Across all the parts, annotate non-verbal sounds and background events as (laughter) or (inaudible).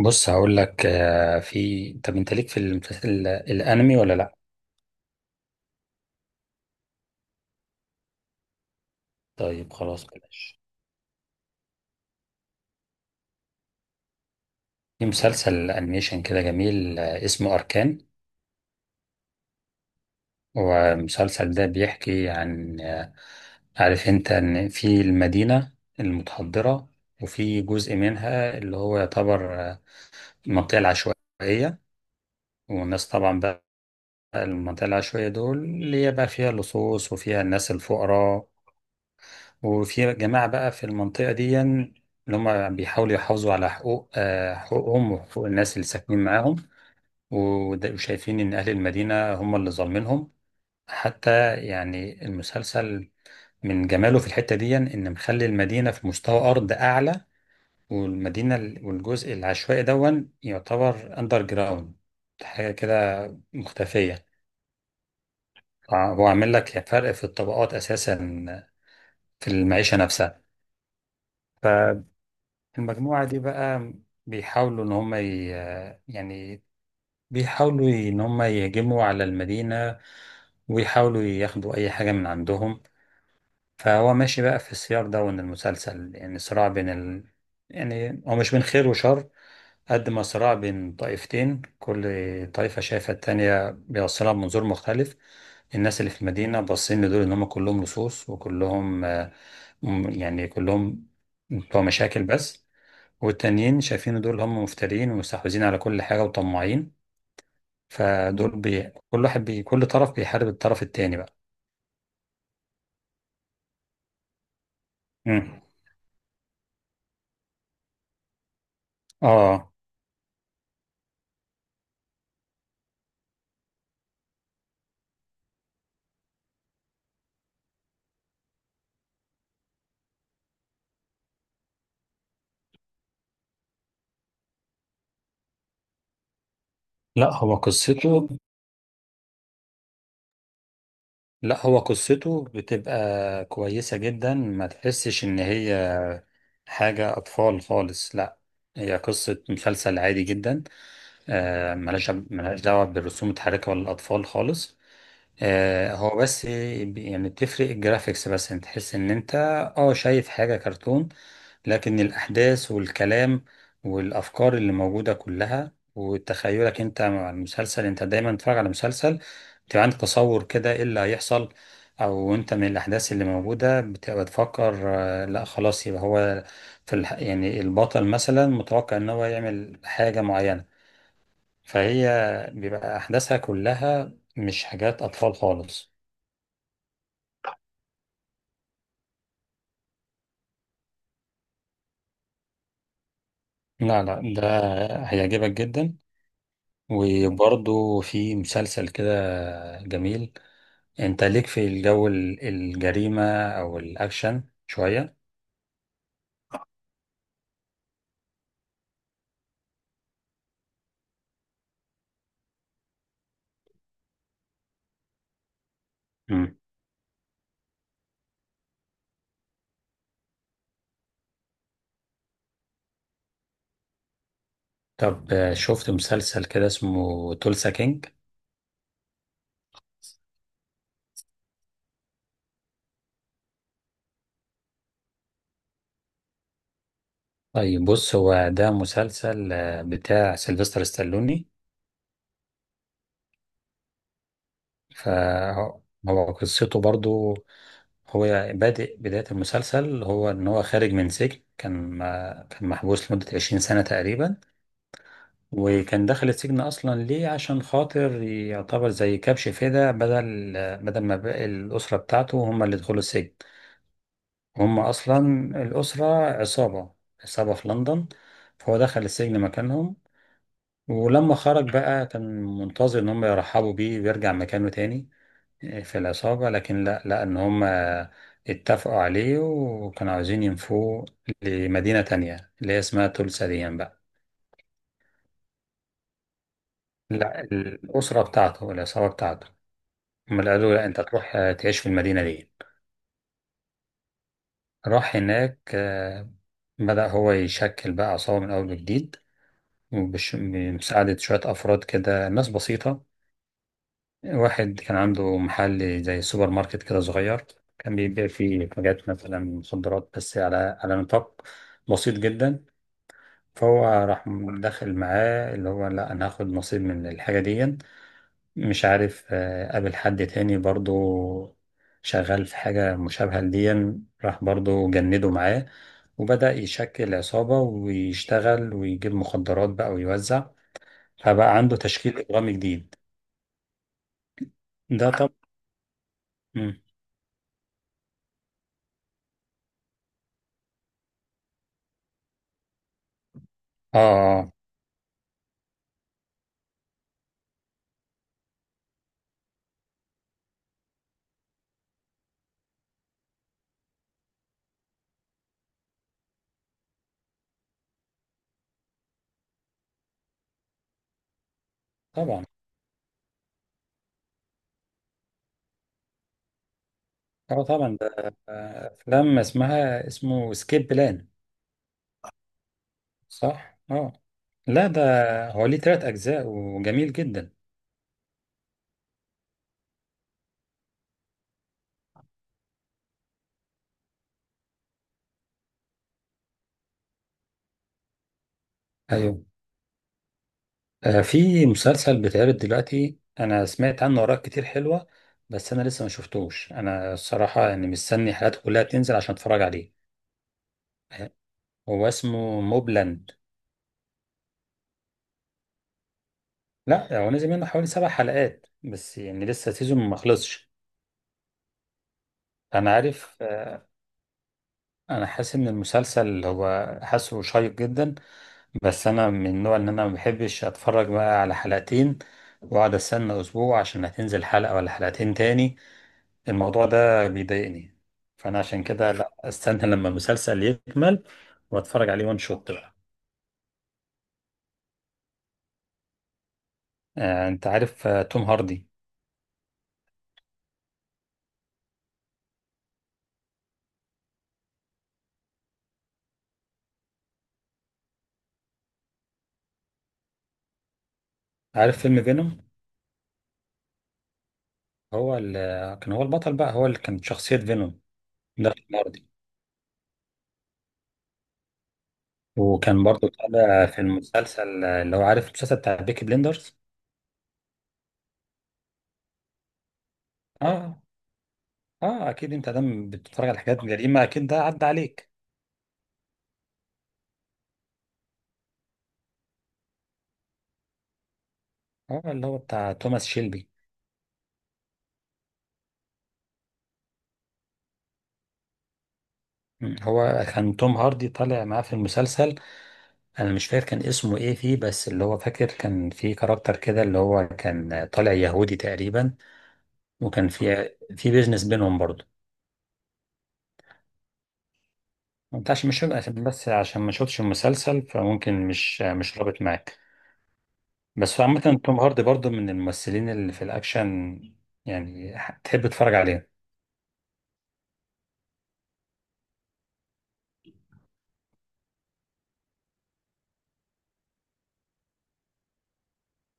بص، هقول لك، طب انت ليك في المسلسل الانمي ولا لا؟ طيب، خلاص بلاش. في مسلسل انيميشن كده جميل، اسمه اركان. والمسلسل ده بيحكي عن، عارف انت ان في المدينة المتحضرة، وفي جزء منها اللي هو يعتبر المنطقة العشوائية. والناس طبعا بقى، المنطقة العشوائية دول اللي هي بقى فيها اللصوص وفيها الناس الفقراء. وفي جماعة بقى في المنطقة دي اللي هم بيحاولوا يحافظوا على حقوقهم وحقوق الناس اللي ساكنين معاهم. وشايفين إن أهل المدينة هم اللي ظالمينهم. حتى يعني المسلسل من جماله في الحتة دي إن مخلي المدينة في مستوى أرض أعلى، والجزء العشوائي دون يعتبر أندر جراوند، حاجة كده مختفية. هو عامل لك فرق في الطبقات أساسا، في المعيشة نفسها. المجموعة دي بقى بيحاولوا إن هم يعني بيحاولوا إن هم يهجموا على المدينة ويحاولوا ياخدوا أي حاجة من عندهم. فهو ماشي بقى في السياق ده، وإن المسلسل يعني صراع بين يعني هو مش بين خير وشر، قد ما صراع بين طائفتين، كل طائفة شايفة التانية بيوصلها بمنظور مختلف. الناس اللي في المدينة باصين لدول إن هم كلهم لصوص وكلهم يعني كلهم بتوع مشاكل بس. والتانيين شايفين دول هم مفترين ومستحوذين على كل حاجة وطماعين. فدول كل واحد كل طرف بيحارب الطرف التاني بقى. مم. اه. لا هو قصته لا هو قصته بتبقى كويسة جدا، ما تحسش ان هي حاجة اطفال خالص، لا. هي قصة مسلسل عادي جدا. ملهاش دعوة بالرسوم المتحركة ولا الأطفال خالص. هو بس يعني بتفرق الجرافيكس، بس انت تحس ان انت اه شايف حاجة كرتون. لكن الأحداث والكلام والأفكار اللي موجودة كلها وتخيلك انت مع المسلسل، انت دايما بتتفرج على مسلسل، بتبقى عندك تصور كده ايه اللي هيحصل. او انت من الأحداث اللي موجودة بتبقى تفكر، لا خلاص يبقى هو في يعني البطل مثلا متوقع ان هو يعمل حاجة معينة. فهي بيبقى أحداثها كلها مش حاجات أطفال خالص. لا، لا، ده هيعجبك جدا. وبرضه في مسلسل كده جميل، انت ليك في الجو الجريمة او الاكشن شوية؟ مم. طب، شفت مسلسل كده اسمه تولسا كينج؟ طيب، بص، هو ده مسلسل بتاع سيلفستر ستالوني. فهو قصته برضه، هو بادئ بداية المسلسل هو ان هو خارج من سجن، كان محبوس لمدة 20 سنة تقريبا. وكان دخل السجن اصلا ليه عشان خاطر يعتبر زي كبش فداء، بدل ما بقى الاسره بتاعته هم اللي دخلوا السجن. هم اصلا الاسره عصابه، عصابه في لندن. فهو دخل السجن مكانهم. ولما خرج بقى كان منتظر ان هم يرحبوا بيه ويرجع مكانه تاني في العصابه، لكن لا، لا، ان هم اتفقوا عليه وكانوا عاوزين ينفوه لمدينه تانية اللي هي اسمها تولسا دي بقى. لا، الاسره بتاعته، العصابه بتاعته. هم قالوا لا، انت تروح تعيش في المدينة دي. راح هناك، بدأ هو يشكل بقى عصابة من أول وجديد. بمساعدة شوية أفراد كده، ناس بسيطة. واحد كان عنده محل زي سوبر ماركت كده صغير. كان بيبيع فيه حاجات مثلا مخدرات، بس على نطاق بسيط جدا. فهو راح داخل معاه اللي هو، لا، أنا هاخد نصيب من الحاجة دي. مش عارف، قابل حد تاني برضو شغال في حاجة مشابهة لدي. راح برضو جنده معاه. وبدأ يشكل عصابة ويشتغل ويجيب مخدرات بقى ويوزع. فبقى عنده تشكيل إجرامي جديد. ده طب. مم. آه، آه. طبعا. آه، طبعا، ده أفلام اسمها اسمه سكيب بلان، صح؟ آه. لا، ده هو ليه تلات أجزاء وجميل جدا. أيوه. في مسلسل بيتعرض دلوقتي، انا سمعت عنه اراء كتير حلوه. بس انا لسه ما شفتوش، انا الصراحه يعني مستني حلقاته كلها تنزل عشان اتفرج عليه. آه، هو اسمه موبلاند. لا، هو نزل منه حوالي 7 حلقات بس، يعني لسه سيزون ما خلصش. انا عارف، انا حاسس ان المسلسل هو حاسه شيق جدا. بس انا من النوع ان انا ما بحبش اتفرج بقى على حلقتين، واقعد استنى اسبوع عشان هتنزل حلقه ولا حلقتين تاني. الموضوع ده بيضايقني. فانا عشان كده، لا، استنى (laughs) لما المسلسل يكمل واتفرج عليه وان شوت بقى. انت عارف توم هاردي؟ عارف فيلم فينوم؟ هو اللي كان هو البطل بقى، هو اللي كانت شخصية فينوم. ده توم هاردي. وكان برضو طالع في المسلسل، اللي هو، عارف المسلسل بتاع بيكي بليندرز؟ اه. اه، اكيد انت دام بتتفرج على حاجات جريمة اكيد ده عدى عليك. اه، اللي هو بتاع توماس شيلبي. مم، هو كان توم هاردي طالع معاه في المسلسل. انا مش فاكر كان اسمه ايه فيه، بس اللي هو فاكر كان في كاركتر كده اللي هو كان طالع يهودي تقريبا. وكان في بيزنس بينهم برضه. ما ينفعش، مش عشان، بس عشان ما شفتش المسلسل، فممكن مش رابط معاك. بس عامة، توم هاردي برضه من الممثلين اللي في الاكشن، يعني تحب تتفرج عليه.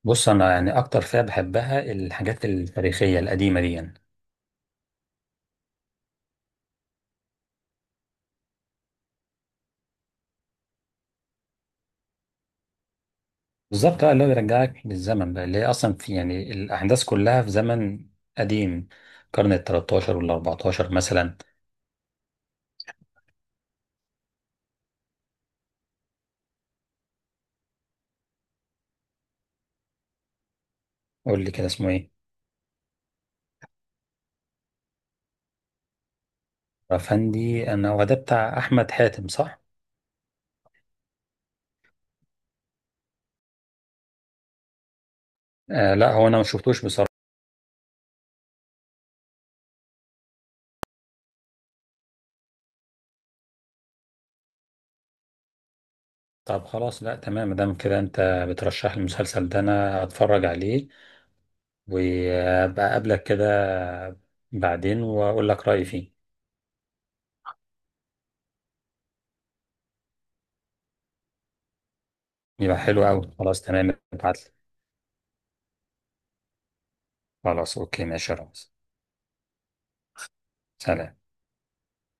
بص، انا يعني اكتر فئة بحبها الحاجات التاريخية القديمة دي يعني. بالظبط، اه، اللي هو بيرجعك للزمن بقى، اللي هي اصلا في يعني الاحداث كلها في زمن قديم، القرن ال 13 وال 14 مثلا. قول لي كده اسمه ايه؟ رفندي، انا هو ده بتاع احمد حاتم، صح؟ لا، هو انا ما شفتوش بصراحه. طب، خلاص، لا، تمام، دام كده انت بترشح لي المسلسل ده انا هتفرج عليه، وابقى اقابلك كده بعدين واقول لك رايي فيه. يبقى حلو قوي، خلاص، تمام، ابعت لي. خلاص، اوكي، ماشي يا رامز. سلام.